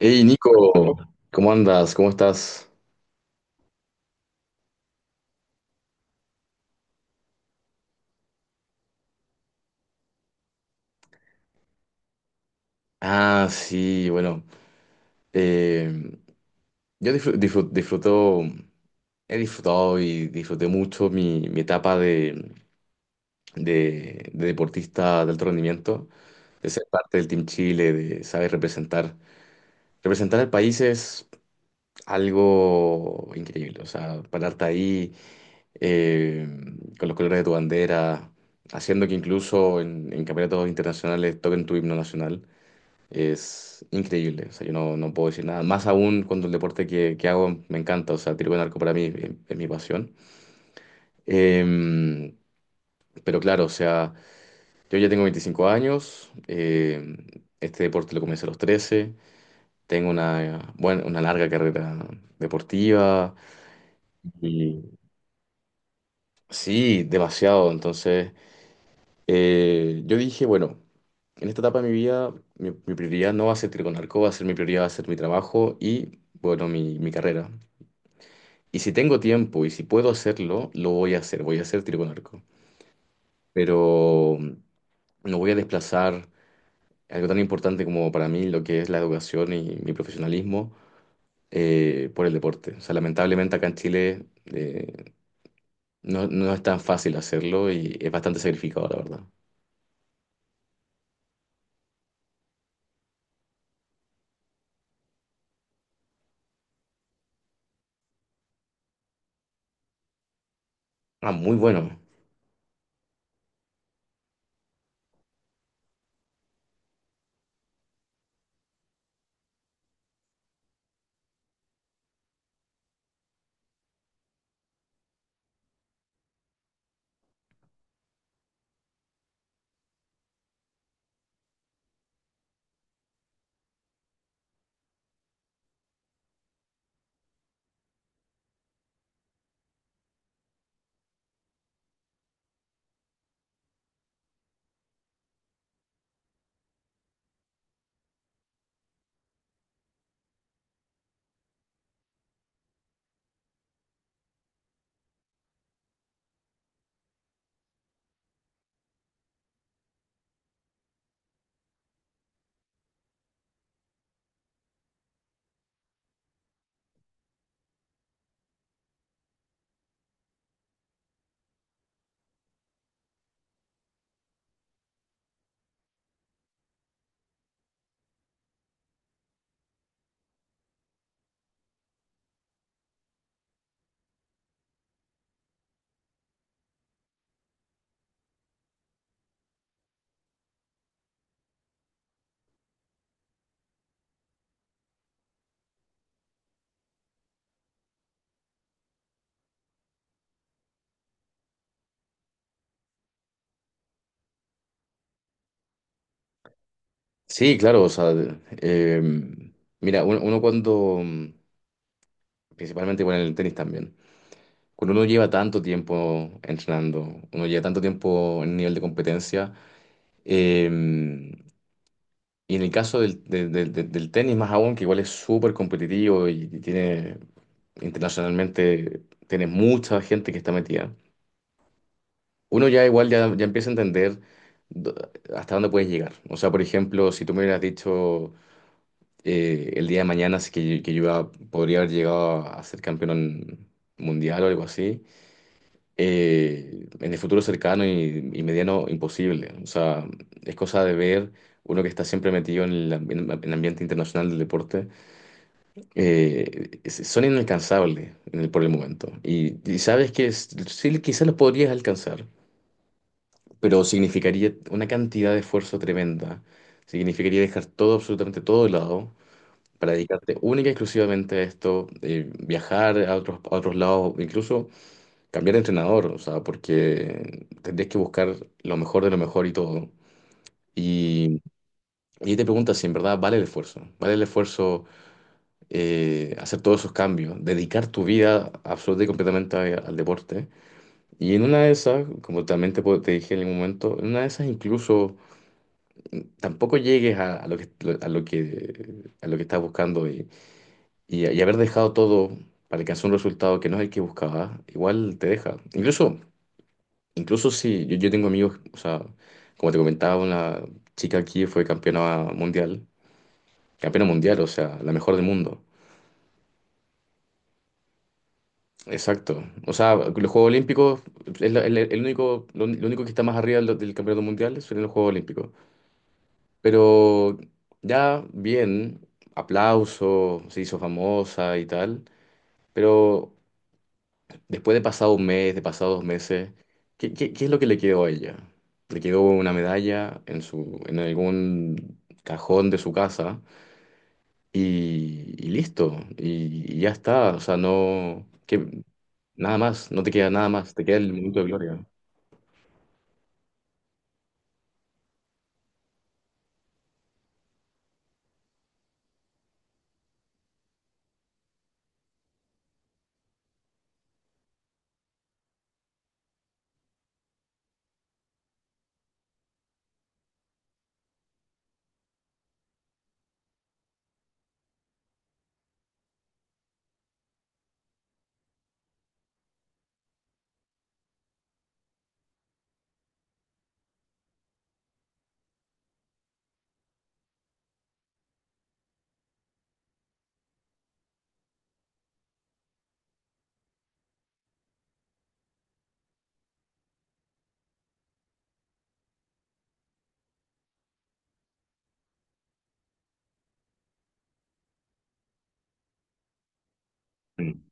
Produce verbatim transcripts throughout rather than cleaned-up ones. Hey Nico, ¿cómo andas? ¿Cómo estás? Ah, sí, bueno. eh, yo disfru- disfru- disfruto, he disfrutado y disfruté mucho mi, mi etapa de, de- de deportista de alto rendimiento, de ser parte del Team Chile, de saber representar. Representar al país es algo increíble, o sea, pararte ahí. eh, con los colores de tu bandera, haciendo que incluso en, en campeonatos internacionales toquen tu himno nacional. Es increíble, o sea, yo no, no puedo decir nada. Más aún cuando el deporte que, que hago me encanta, o sea, tiro con arco para mí es, es mi pasión. Eh, pero claro, o sea, yo ya tengo veinticinco años, eh, este deporte lo comencé a los trece. Tengo una, bueno, una larga carrera deportiva y sí, demasiado, entonces... Eh, yo dije, bueno, en esta etapa de mi vida, mi, mi prioridad no va a ser tiro con arco va a ser mi prioridad, va a ser mi trabajo y, bueno, mi, mi carrera. Y si tengo tiempo y si puedo hacerlo, lo voy a hacer, voy a hacer tiro con arco. Pero no voy a desplazar algo tan importante como para mí lo que es la educación y mi profesionalismo eh, por el deporte. O sea, lamentablemente acá en Chile eh, no, no es tan fácil hacerlo y es bastante sacrificado, la verdad. Ah, muy bueno. Sí, claro, o sea, em, mira, uno, uno cuando, mm, principalmente con el tenis también, cuando uno lleva tanto tiempo entrenando, uno lleva tanto tiempo en nivel de competencia, em, y en el caso del, de- de- de- del tenis más aún, que igual es súper competitivo y tiene, internacionalmente, tiene mucha gente que está metida, uno ya igual ya, ya empieza a entender do- hasta dónde puedes llegar. O sea, por ejemplo, si tú me hubieras dicho eh, el día de mañana, así que, que yo iba- podría haber llegado a, ser campeón mundial o algo así. Eh, en el futuro cercano y, y mediano, imposible. O sea, es cosa de ver uno que está siempre metido en el, ambi- en el ambiente internacional del deporte. Eh, es- son inalcanzables en el- por el momento. Y, y sabes que es- sí, quizás los podrías alcanzar, pero significaría una cantidad de esfuerzo tremenda. Significaría dejar todo, absolutamente todo de lado para dedicarte única y exclusivamente a esto, eh, viajar a otros, a otros lados, incluso cambiar de entrenador, o sea, porque tendrías que buscar lo mejor de lo mejor y todo. Y, y te preguntas si en verdad vale el esfuerzo, vale el esfuerzo eh, hacer todos esos cambios, dedicar tu vida absoluta y completamente a- al deporte. Y en una de esas, como también te, puedo- te dije en algún momento, en una de esas incluso mm, tampoco llegues a, a lo que, a lo que, a lo que, estás buscando. Y, y haber dejado todo para alcanzar un resultado que no es el que buscaba, igual te deja. Incluso, incluso si yo, yo tengo amigos, o sea, como te comentaba, una chica aquí fue campeona mundial, campeona mundial, o sea, la mejor del mundo. Exacto. O sea, los Juegos Olímpicos es la- el, el único, lo, lo único que está más arriba del, del campeonato mundial son los Juegos Olímpicos. Pero ya bien, aplauso, se hizo famosa y tal, pero después de pasado un mes, de pasado dos meses, ¿qué, qué- qué es lo que le quedó a ella? Le quedó una medalla en su, en algún cajón de su casa y, y listo. Y, y ya está. O sea, no, que, nada más, no te queda nada más, te queda el momento de gloria. Mm.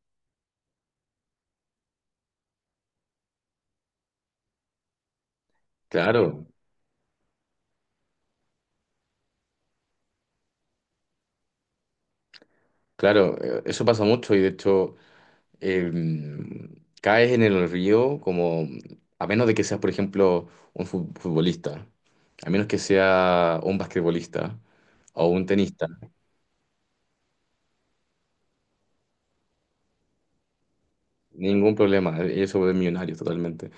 Claro, claro, eh, eso pasa mucho y de hecho eh, caes en el río como, a menos de que seas, por ejemplo, un fu- futbolista. A menos que sea un basquetbolista o un tenista, ningún problema. eh, Ellos se vuelven millonarios totalmente.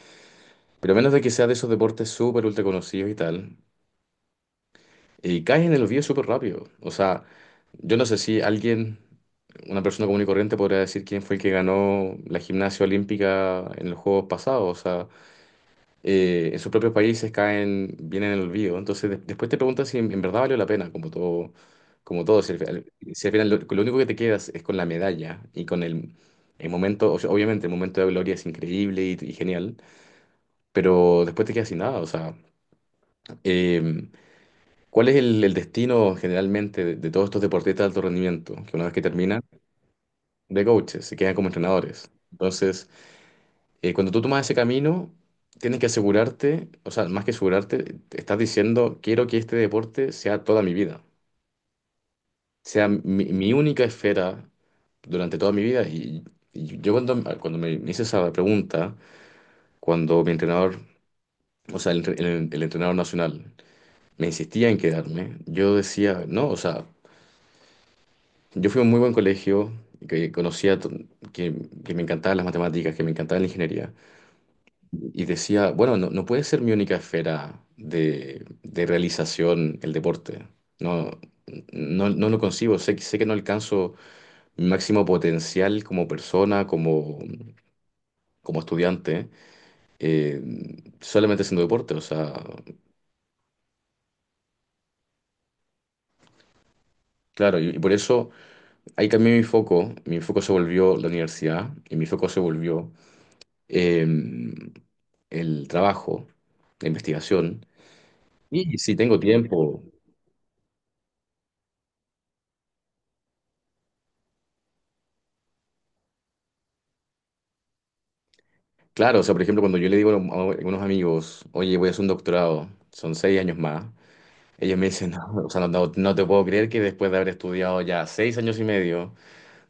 Pero a menos de que sea de esos deportes súper ultra conocidos y tal, y caes en el olvido súper rápido. O sea, yo no sé si alguien, una persona común y corriente, podría decir quién fue el que ganó la gimnasia olímpica en los Juegos pasados. O sea, eh, en sus propios países caen, vienen en el olvido. Entonces, de- después te preguntas si en, en verdad valió la pena, como todo, como todo. Si al, final si al final lo, lo único que te quedas es con la medalla y con el, el momento, o sea, obviamente el momento de gloria es increíble y, y genial, pero después te quedas sin nada. O sea, eh, ¿cuál es el, el destino generalmente de, de todos estos deportistas de alto rendimiento? Que una vez que terminan, de coaches, se quedan como entrenadores. Entonces, Eh, cuando tú tomas ese camino, tienes que asegurarte, o sea, más que asegurarte, te estás diciendo, quiero que este deporte sea toda mi vida, sea mi, mi única esfera durante toda mi vida. Y, y yo cuando, cuando me hice esa pregunta, cuando mi entrenador, o sea, el, entre- el- el entrenador nacional, me insistía en quedarme, yo decía, no, o sea, yo fui a un muy buen colegio, que conocía, to- que, que me encantaban las matemáticas, que me encantaba la ingeniería. Y decía, bueno, no, no puede ser mi única esfera de, de realización el deporte. No, no, no lo concibo. Sé, que- sé que no alcanzo mi máximo potencial como persona, como, como estudiante, eh, solamente haciendo deporte. O sea, claro, y, y por eso ahí cambié mi foco. Mi foco se volvió la universidad y mi foco se volvió em, el trabajo, la investigación. Y si tengo tiempo. Claro, o sea, por ejemplo, cuando yo le digo a a algunos amigos, oye, voy a hacer un doctorado, son seis años más, ellos me dicen, no, o sea, no, no- no te puedo creer que después de haber estudiado ya seis años y medio,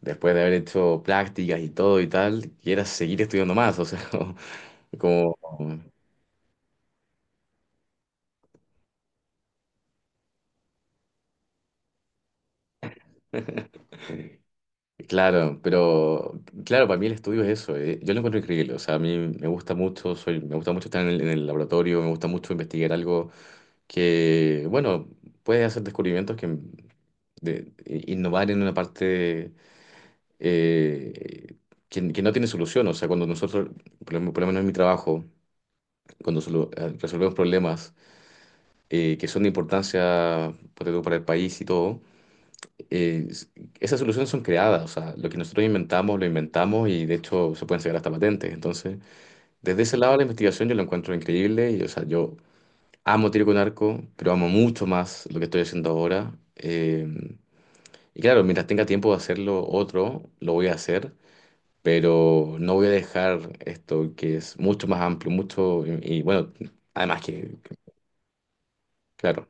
después de haber hecho prácticas y todo y tal, quieras seguir estudiando más, o sea, como... Claro, pero claro, para mí el estudio es eso, eh, yo lo encuentro increíble, o sea, a mí me gusta mucho, soy, me gusta mucho estar en el, en el laboratorio, me gusta mucho investigar algo que, bueno, puede hacer descubrimientos que de eh, innovar en una parte eh, que, que no tiene solución. O sea, cuando nosotros, por lo, por lo menos en mi trabajo, cuando solu- eh, resolvemos problemas eh, que son de importancia ponte tú, para el país y todo, eh, s- esas soluciones son creadas. O sea, lo que nosotros inventamos, lo inventamos y de hecho se pueden sacar hasta patentes. Entonces, desde ese lado la investigación yo lo encuentro increíble y, o sea, yo amo tiro con arco, pero amo mucho más lo que estoy haciendo ahora. Eh, Y claro, mientras tenga tiempo de hacerlo otro, lo voy a hacer, pero no voy a dejar esto que es mucho más amplio, mucho, y, y bueno, además que, que- claro.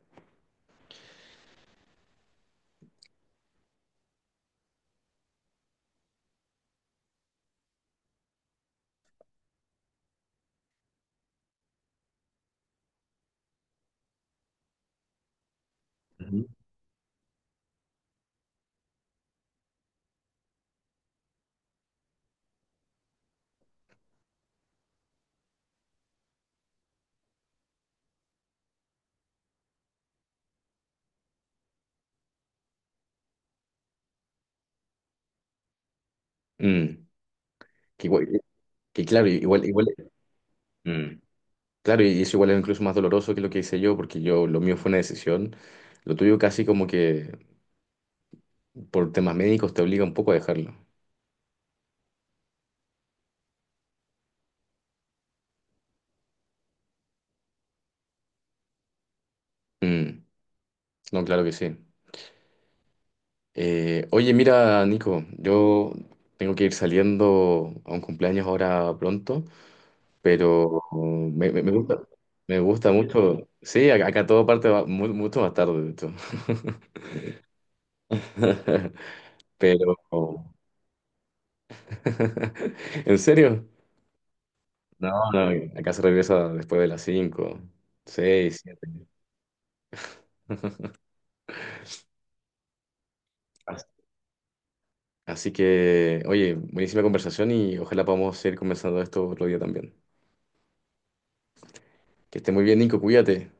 Ujú. mm, que igual, que claro, igual, igual, mm, claro, y eso igual es incluso más doloroso que lo que hice yo, porque yo, lo mío fue una decisión, lo tuyo casi como que por temas médicos te obliga un poco a dejarlo. Mm, no, claro que sí. Eh, oye, mira, Nico, yo tengo que ir saliendo a un cumpleaños ahora pronto. Pero mm, me, me- me gusta, me gusta mucho. Sí, acá, acá todo parte va- mu- mucho más tarde, de hecho. Pero, ¿en serio? No, no, acá se regresa después de las cinco seis siete. Así así que, oye, buenísima conversación y ojalá podamos seguir conversando de esto otro día también. Que esté muy bien, Nico, cuídate.